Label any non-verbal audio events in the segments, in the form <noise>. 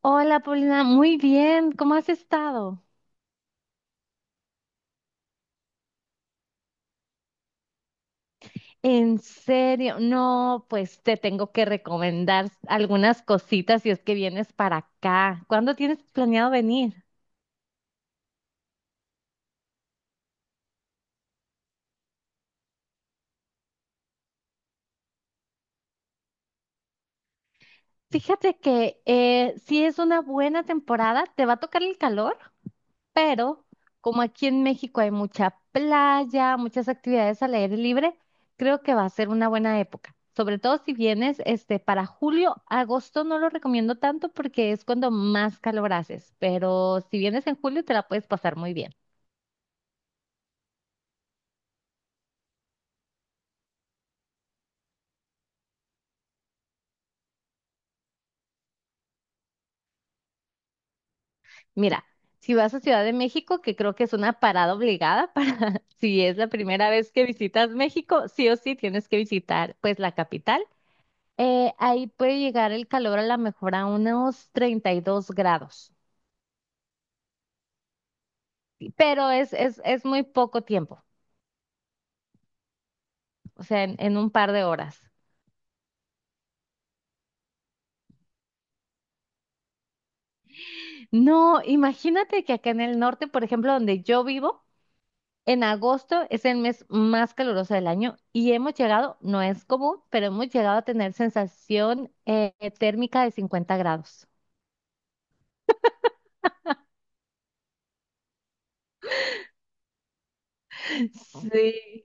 Hola, Paulina, muy bien, ¿cómo has estado? En serio, no, pues te tengo que recomendar algunas cositas si es que vienes para acá. ¿Cuándo tienes planeado venir? Fíjate que si es una buena temporada, ¿te va a tocar el calor? Pero como aquí en México hay mucha playa, muchas actividades al aire libre, creo que va a ser una buena época. Sobre todo si vienes para julio, agosto no lo recomiendo tanto porque es cuando más calor haces, pero si vienes en julio te la puedes pasar muy bien. Mira, si vas a Ciudad de México, que creo que es una parada obligada para <laughs> si es la primera vez que visitas México, sí o sí tienes que visitar pues la capital. Ahí puede llegar el calor a lo mejor a unos 32 grados, pero es muy poco tiempo, o sea, en un par de horas. No, imagínate que acá en el norte, por ejemplo, donde yo vivo, en agosto es el mes más caluroso del año y hemos llegado, no es común, pero hemos llegado a tener sensación térmica de 50 grados. Sí.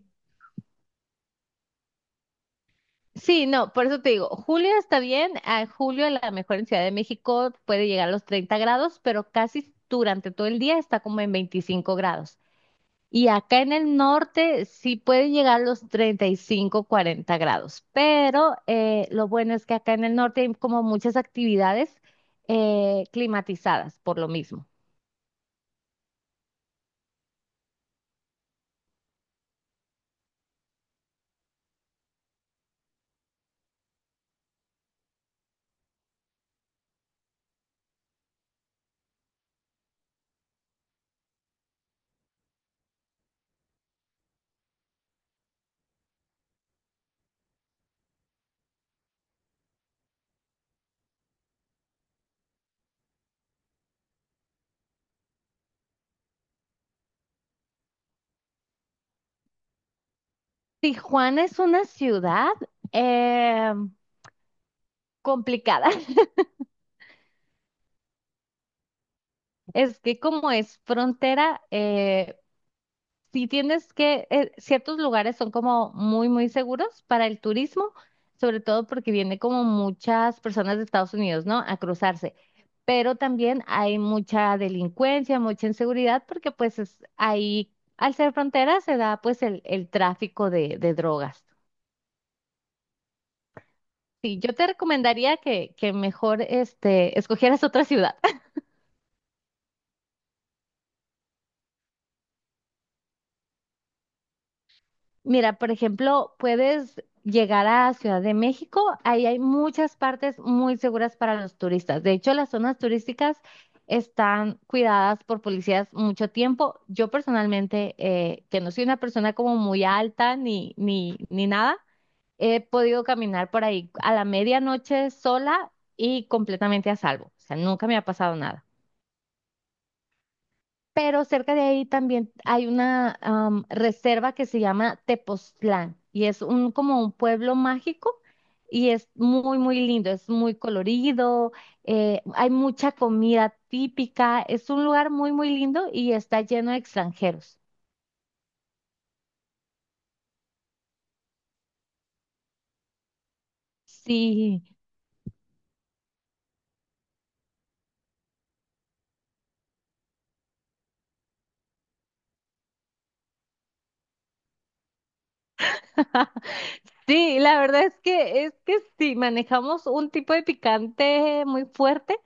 Sí, no, por eso te digo, julio está bien, a julio a la mejor en Ciudad de México puede llegar a los 30 grados, pero casi durante todo el día está como en 25 grados. Y acá en el norte sí pueden llegar a los 35, 40 grados, pero lo bueno es que acá en el norte hay como muchas actividades climatizadas por lo mismo. Tijuana es una ciudad eh, complicada. <laughs> Es que como es frontera, si tienes que, ciertos lugares son como muy, muy seguros para el turismo, sobre todo porque viene como muchas personas de Estados Unidos, ¿no? A cruzarse. Pero también hay mucha delincuencia, mucha inseguridad, porque pues es, ahí, al ser frontera, se da pues el tráfico de drogas. Sí, yo te recomendaría que mejor escogieras otra ciudad. Mira, por ejemplo, puedes llegar a Ciudad de México. Ahí hay muchas partes muy seguras para los turistas. De hecho, las zonas turísticas están cuidadas por policías mucho tiempo. Yo personalmente, que no soy una persona como muy alta ni nada, he podido caminar por ahí a la medianoche sola y completamente a salvo. O sea, nunca me ha pasado nada, pero cerca de ahí también hay una reserva que se llama Tepoztlán y es como un pueblo mágico y es muy, muy lindo, es muy colorido, hay mucha comida típica, es un lugar muy, muy lindo y está lleno de extranjeros. Sí. <laughs> Sí, la verdad es que sí, manejamos un tipo de picante muy fuerte,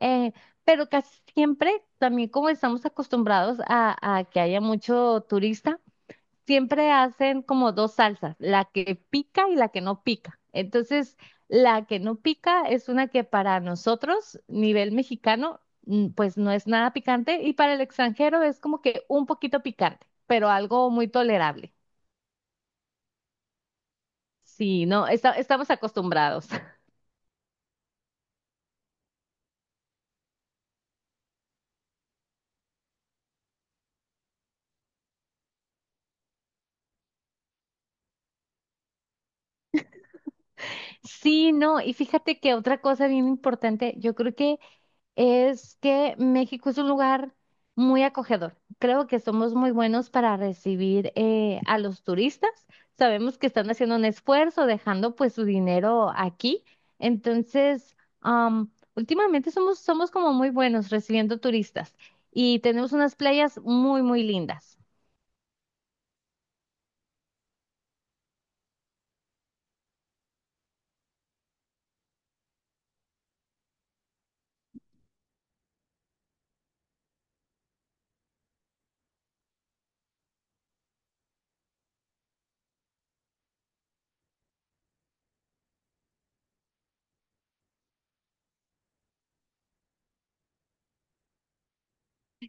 eh, pero casi siempre también como estamos acostumbrados a que haya mucho turista, siempre hacen como dos salsas, la que pica y la que no pica. Entonces, la que no pica es una que para nosotros, nivel mexicano, pues no es nada picante y para el extranjero es como que un poquito picante, pero algo muy tolerable. Sí, no, estamos acostumbrados. <laughs> Sí, no, y fíjate que otra cosa bien importante, yo creo que es que México es un lugar muy acogedor. Creo que somos muy buenos para recibir a los turistas. Sabemos que están haciendo un esfuerzo, dejando pues su dinero aquí. Entonces, últimamente somos como muy buenos recibiendo turistas y tenemos unas playas muy, muy lindas.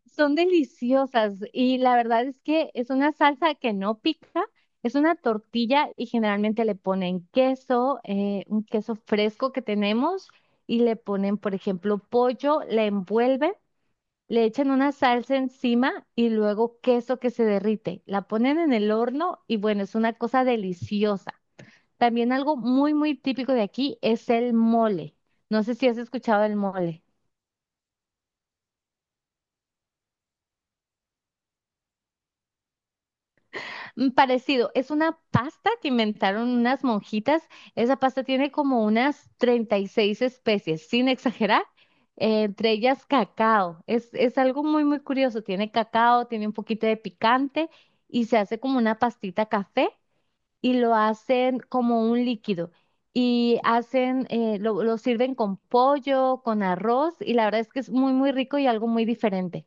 Son deliciosas y la verdad es que es una salsa que no pica, es una tortilla y generalmente le ponen queso, un queso fresco que tenemos y le ponen, por ejemplo, pollo, le envuelven, le echan una salsa encima y luego queso que se derrite. La ponen en el horno y bueno, es una cosa deliciosa. También algo muy, muy típico de aquí es el mole. No sé si has escuchado el mole. Parecido, es una pasta que inventaron unas monjitas. Esa pasta tiene como unas 36 especies, sin exagerar, entre ellas cacao. Es algo muy, muy curioso. Tiene cacao, tiene un poquito de picante y se hace como una pastita café y lo hacen como un líquido. Y lo sirven con pollo, con arroz y la verdad es que es muy, muy rico y algo muy diferente.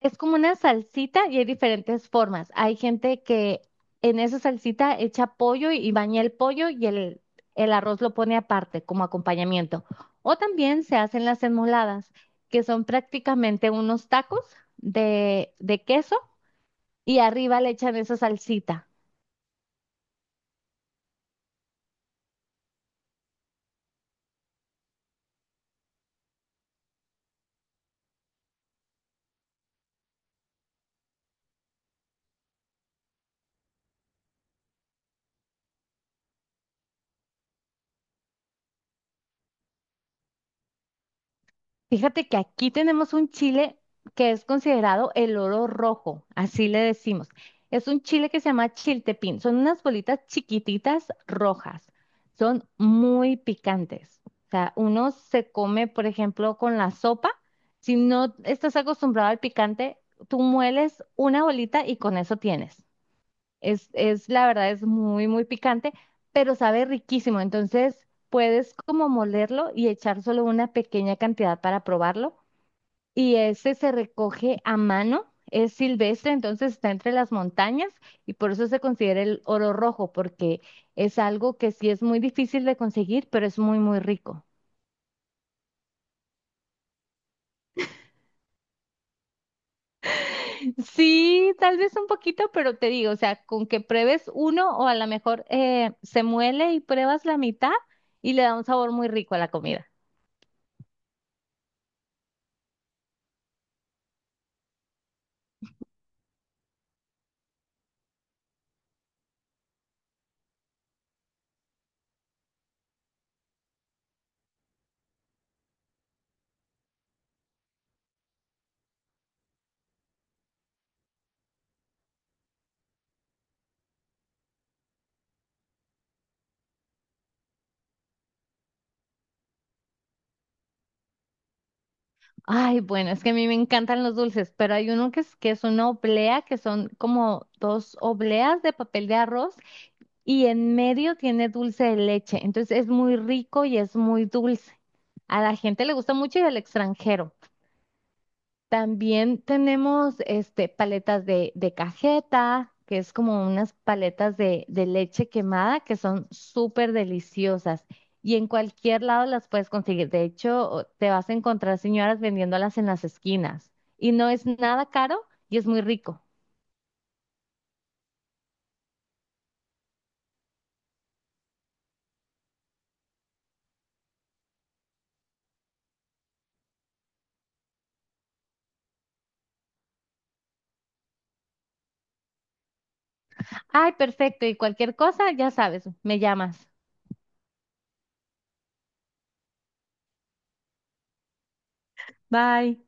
Es como una salsita y hay diferentes formas. Hay gente que en esa salsita echa pollo y baña el pollo y el arroz lo pone aparte como acompañamiento. O también se hacen las enmoladas, que son prácticamente unos tacos de queso y arriba le echan esa salsita. Fíjate que aquí tenemos un chile que es considerado el oro rojo, así le decimos. Es un chile que se llama chiltepín. Son unas bolitas chiquititas rojas. Son muy picantes. O sea, uno se come, por ejemplo, con la sopa. Si no estás acostumbrado al picante, tú mueles una bolita y con eso tienes. La verdad, es muy, muy picante, pero sabe riquísimo. Entonces, puedes como molerlo y echar solo una pequeña cantidad para probarlo. Y ese se recoge a mano, es silvestre, entonces está entre las montañas y por eso se considera el oro rojo, porque es algo que sí es muy difícil de conseguir, pero es muy, muy rico. Sí, tal vez un poquito, pero te digo, o sea, con que pruebes uno o a lo mejor se muele y pruebas la mitad y le da un sabor muy rico a la comida. Ay, bueno, es que a mí me encantan los dulces, pero hay uno que es una oblea, que son como dos obleas de papel de arroz y en medio tiene dulce de leche. Entonces es muy rico y es muy dulce. A la gente le gusta mucho y al extranjero. También tenemos paletas de cajeta, que es como unas paletas de leche quemada que son súper deliciosas y en cualquier lado las puedes conseguir. De hecho, te vas a encontrar señoras vendiéndolas en las esquinas y no es nada caro y es muy rico. Ay, perfecto. Y cualquier cosa, ya sabes, me llamas. Bye.